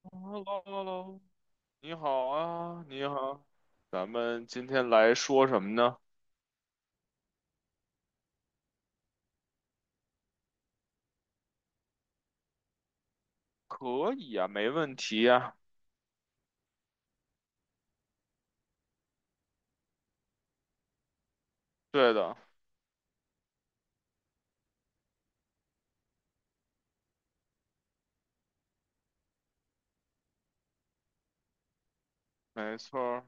h 喽 l 喽，你好啊，你好，咱们今天来说什么呢？可以啊，没问题呀。对的，没错儿。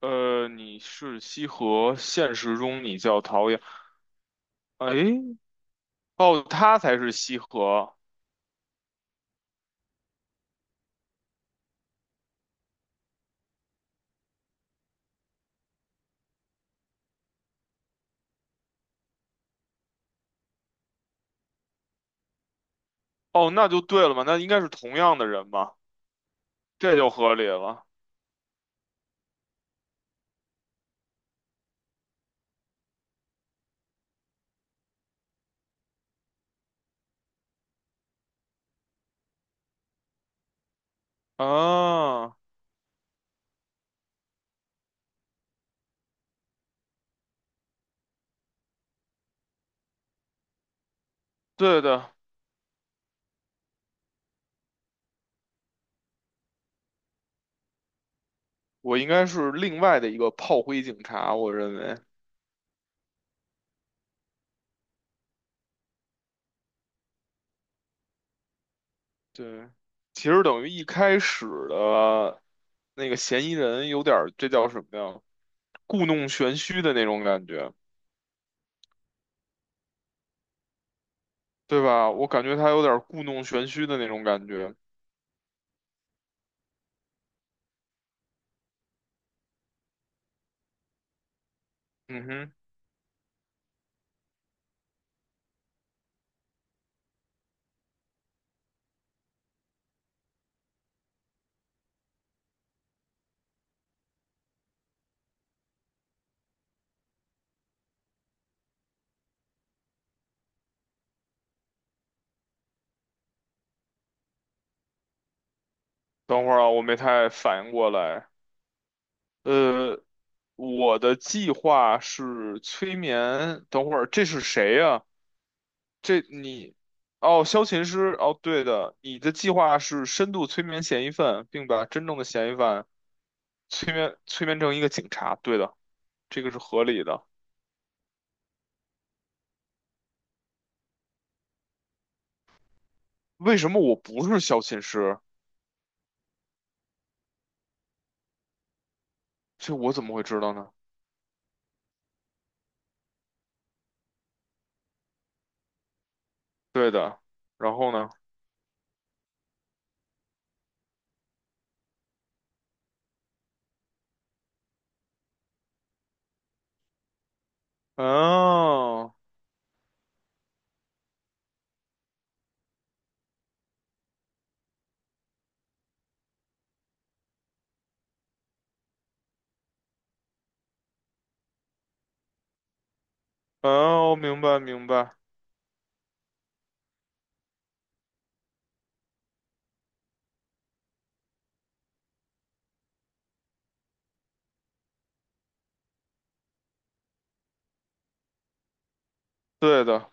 你是西河，现实中你叫陶阳。哎，哦，他才是西河。哦，那就对了嘛，那应该是同样的人嘛，这就合理了。啊，对的，我应该是另外的一个炮灰警察，我认为。对，其实等于一开始的那个嫌疑人有点儿这叫什么呀？故弄玄虚的那种感觉，对吧？我感觉他有点儿故弄玄虚的那种感觉。嗯哼，等会儿啊，我没太反应过来。呃，我的计划是催眠。等会儿这是谁呀、这你，哦，萧琴师。哦，对的，你的计划是深度催眠嫌疑犯，并把真正的嫌疑犯。催眠成一个警察，对的，这个是合理的。为什么我不是小寝室？这我怎么会知道呢？对的，然后呢？哦哦，明白明白，对的。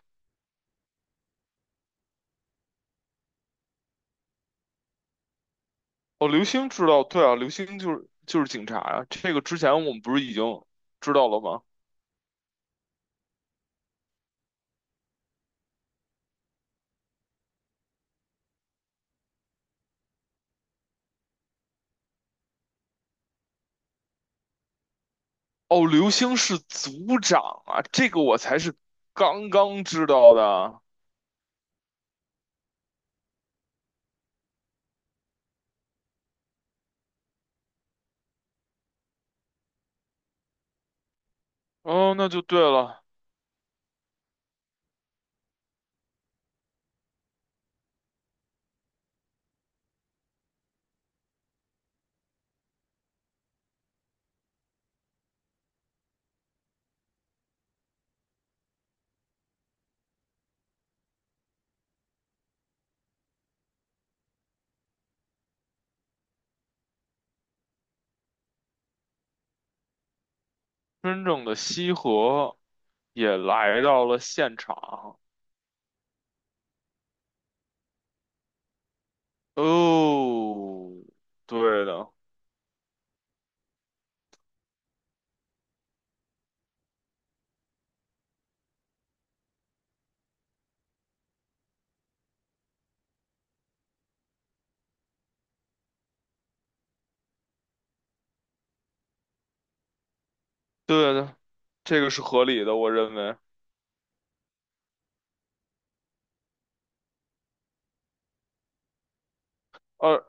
哦，刘星知道，对啊，刘星就是警察啊。这个之前我们不是已经知道了吗？哦，刘星是组长啊，这个我才是刚刚知道的。哦，那就对了，真正的西河也来到了现场。哦，对的，对的，这个是合理的，我认为。而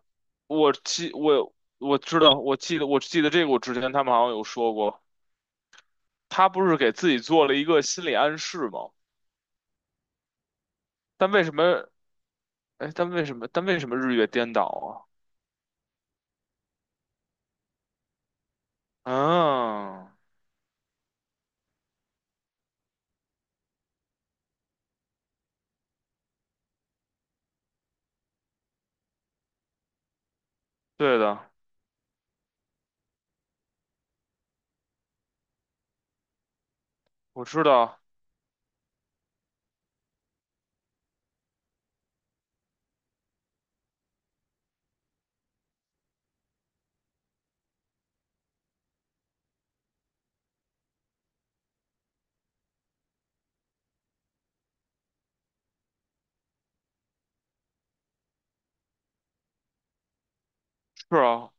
我知道，我记得这个，我之前他们好像有说过，他不是给自己做了一个心理暗示吗？但为什么？哎，但为什么？但为什么日月颠倒啊？啊，对的，我知道，是啊，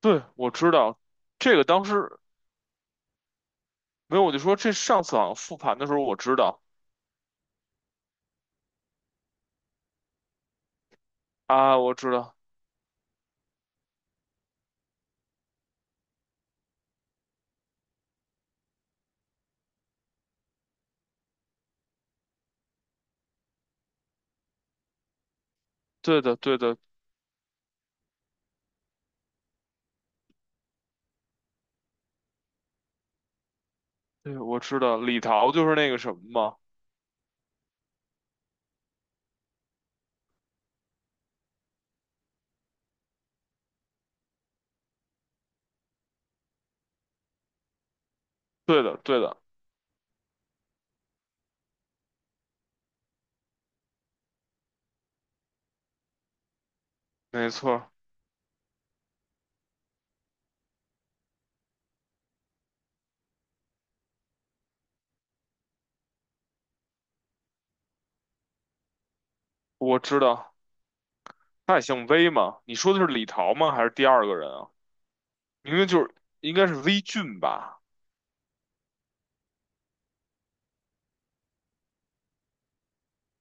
对，我知道，这个当时没有，我就说这上次好像复盘的时候我知道啊，我知道，对的，对的，对，我知道李桃就是那个什么吗？对的，对的，没错我知道。他也姓魏嘛？你说的是李桃吗？还是第二个人啊？明明就是应该是微俊吧，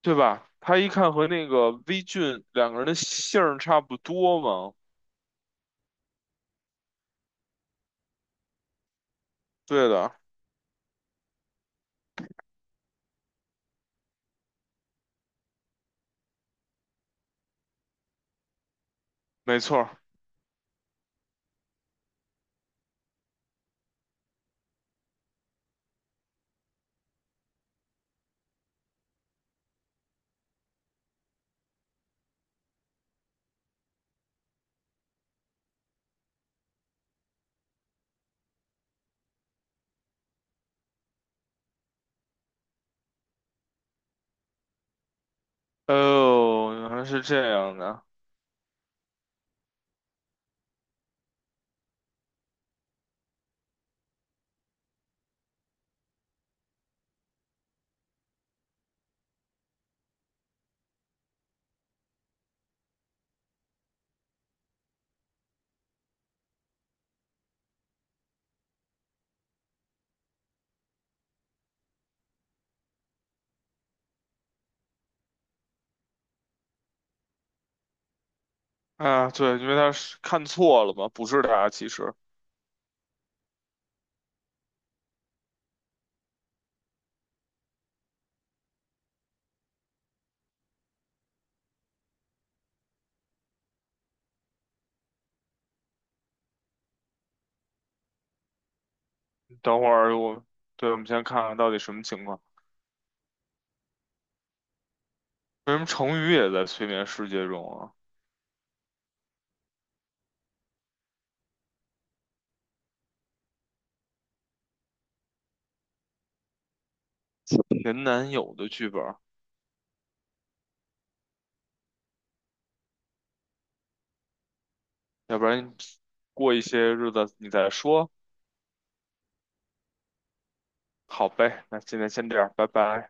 对吧？他一看和那个微俊两个人的姓儿差不多吗？对的，没错哦，原来是这样的。啊，对，因为他是看错了吧？不是他。其实，等会儿我，对，我们先看看到底什么情况。为什么成语也在催眠世界中啊？前男友的剧本要不然过一些日子你再说。好呗，那今天先这样，拜拜。